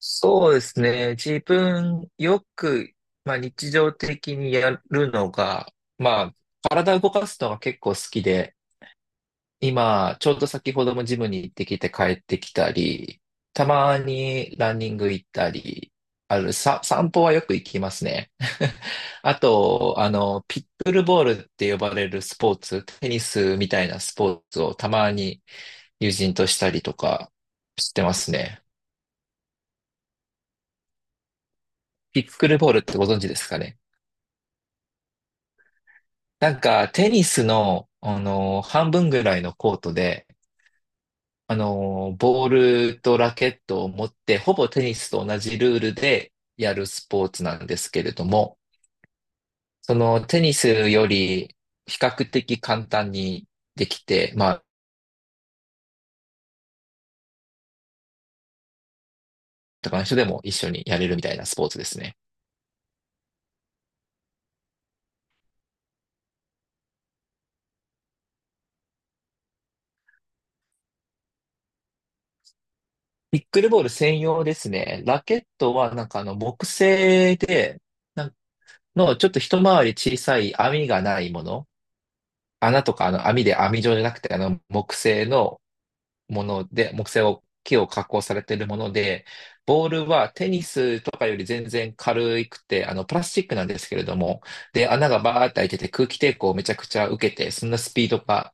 そうですね。自分よく、日常的にやるのが、まあ、体を動かすのが結構好きで、今、ちょうど先ほどもジムに行ってきて帰ってきたり、たまにランニング行ったり、ある、さ、散歩はよく行きますね。あと、ピックルボールって呼ばれるスポーツ、テニスみたいなスポーツをたまに友人としたりとかしてますね。ピックルボールってご存知ですかね。なんか、テニスの、半分ぐらいのコートで、あのーボールとラケットを持って、ほぼテニスと同じルールでやるスポーツなんですけれども、そのテニスより比較的簡単にできて、他の人でも一緒にやれるみたいなスポーツですね。ピックルボール専用ですね。ラケットはなんかあの木製で、なんのちょっと一回り小さい網がないもの。穴とかあの網で網状じゃなくて、あの木製のもので、木を加工されているもので、ボールはテニスとかより全然軽くて、あのプラスチックなんですけれども、で、穴がバーって開いてて空気抵抗をめちゃくちゃ受けて、そんなスピードが、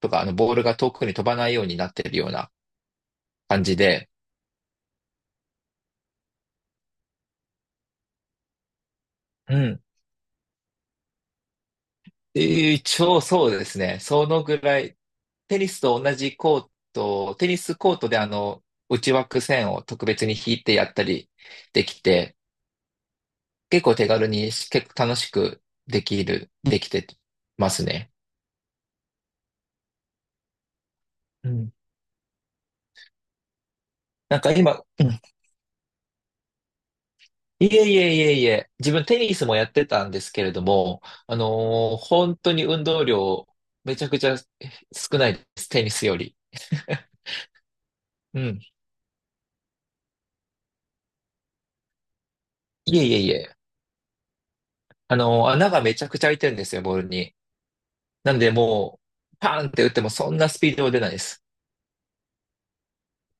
とか、あのボールが遠くに飛ばないようになっているような感じで、うん。一応そうですね。そのぐらい、テニスコートで内枠線を特別に引いてやったりできて、結構楽しくできる、できてますね。うん。なんか今、うん、いえいえいえいえ、自分テニスもやってたんですけれども、本当に運動量めちゃくちゃ少ないです、テニスより。うん。いえいえいえ。穴がめちゃくちゃ開いてるんですよ、ボールに。なんでもう、パーンって打ってもそんなスピードは出ないです。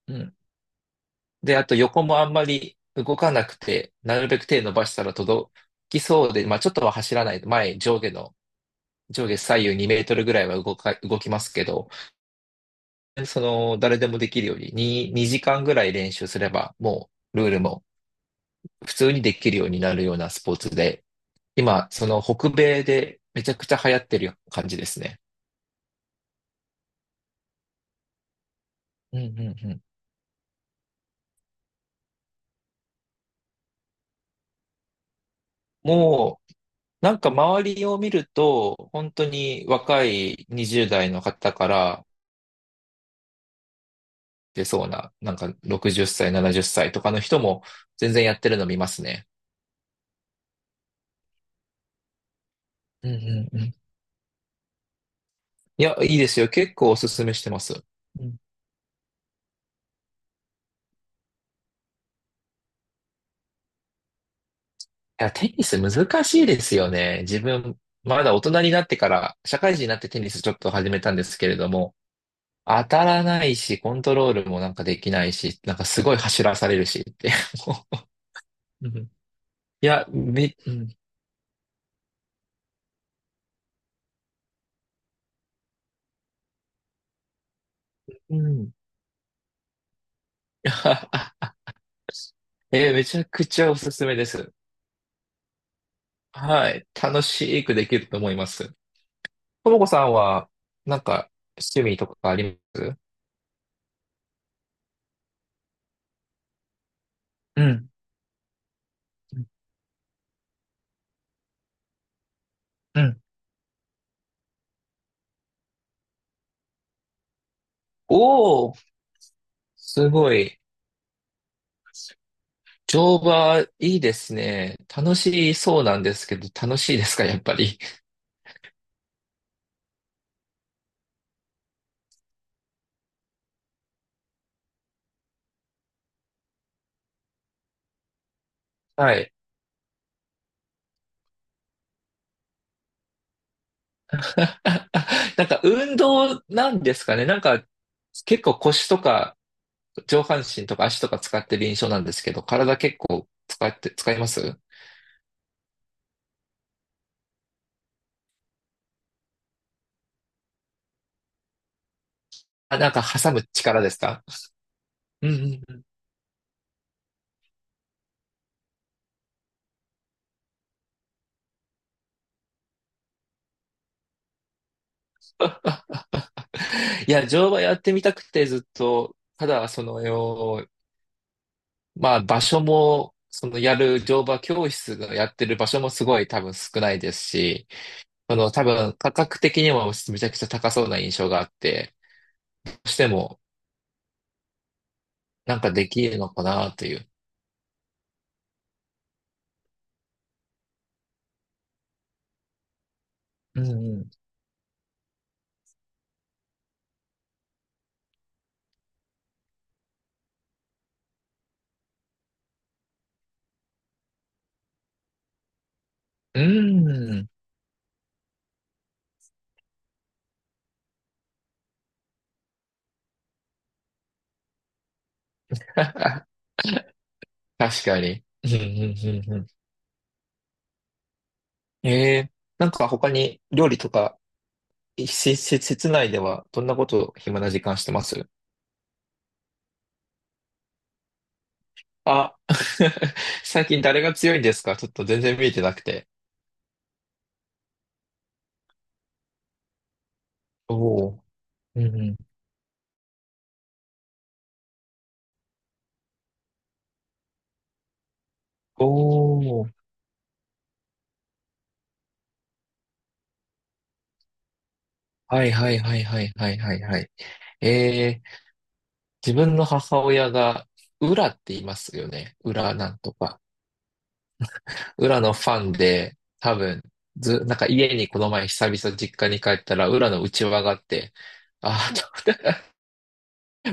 うん。で、あと横もあんまり動かなくて、なるべく手伸ばしたら届きそうで、まあちょっとは走らない。前、上下の、上下左右2メートルぐらいは動きますけど、その、誰でもできるように、2時間ぐらい練習すれば、もう、ルールも普通にできるようになるようなスポーツで、今、その北米でめちゃくちゃ流行ってる感じですね。うんうんうん。もうなんか周りを見ると、本当に若い20代の方から出そうな、なんか60歳、70歳とかの人も全然やってるの見ますね。うんうんうん。いや、いいですよ。結構おすすめしてます。うん、いや、テニス難しいですよね。自分、まだ大人になってから、社会人になってテニスちょっと始めたんですけれども、当たらないし、コントロールもなんかできないし、なんかすごい走らされるしって。うん、うん。うん。 えーめちゃくちゃおすすめです。はい。楽しくできると思います。ともこさんは、なんか、趣味とかあります？うん。うん。おー、すごい。乗馬、いいですね。楽しそうなんですけど、楽しいですか、やっぱり。はい。なんか、運動なんですかね。なんか、結構腰とか、上半身とか足とか使ってる印象なんですけど、体結構使って、使います？あ、なんか挟む力ですか？うんうん、いや、乗馬やってみたくてずっと、ただ、そのよ、まあ、場所も、そのやる乗馬教室がやってる場所もすごい多分少ないですし、その多分価格的にもめちゃくちゃ高そうな印象があって、どうしてもなんかできるのかなという。うんうん。うん。確かに。うんうんうんうん。えー、なんか他に料理とか、し室内ではどんなことを暇な時間してます？あ、最近誰が強いんですか？ちょっと全然見えてなくて。おお。うんうん。おお。はいはいはいはいはいはいはい。えー、自分の母親が、裏って言いますよね。裏なんとか。裏のファンで、多分、ず、なんか家にこの前久々実家に帰ったら、裏の内輪があって、ああ、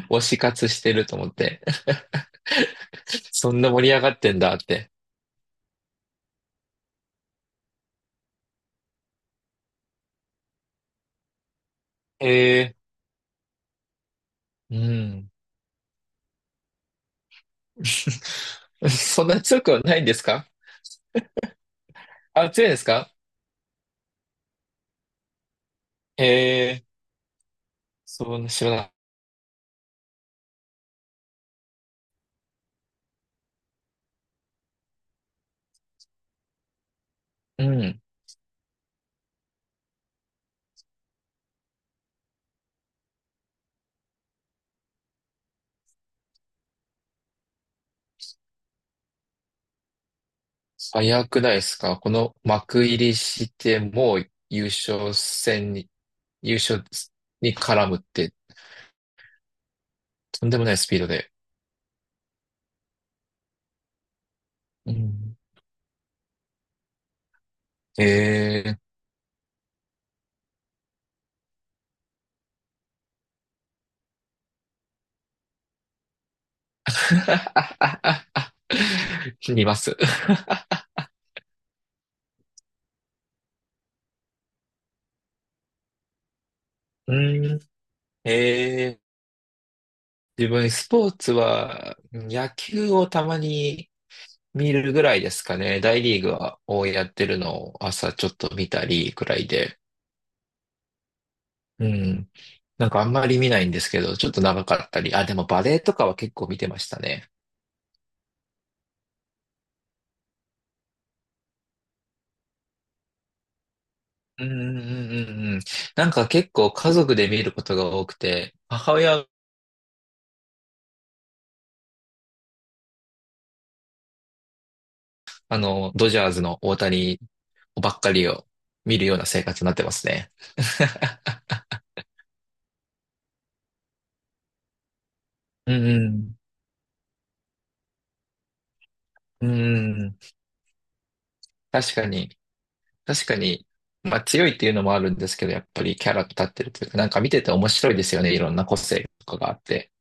と推し活してると思って。そんな盛り上がってんだって。えー、うん。そんな強くはないんですか？あ、強いですか？ええー、そうね、知らない。うん。早くないですか？この幕入りして、もう優勝戦に、優勝に絡むって、とんでもないスピードで。うん。ええー。見ます。うん。ええー、自分、スポーツは、野球をたまに見るぐらいですかね。大リーグをやってるのを朝ちょっと見たりくらいで。うん。なんかあんまり見ないんですけど、ちょっと長かったり。あ、でもバレーとかは結構見てましたね。うんうんうんうんうん。なんか結構家族で見ることが多くて、母親、あの、ドジャースの大谷ばっかりを見るような生活になってますね。うんうん。うんうん。確かに。確かに、まあ強いっていうのもあるんですけど、やっぱりキャラ立ってるというか、なんか見てて面白いですよね。いろんな個性とかがあって。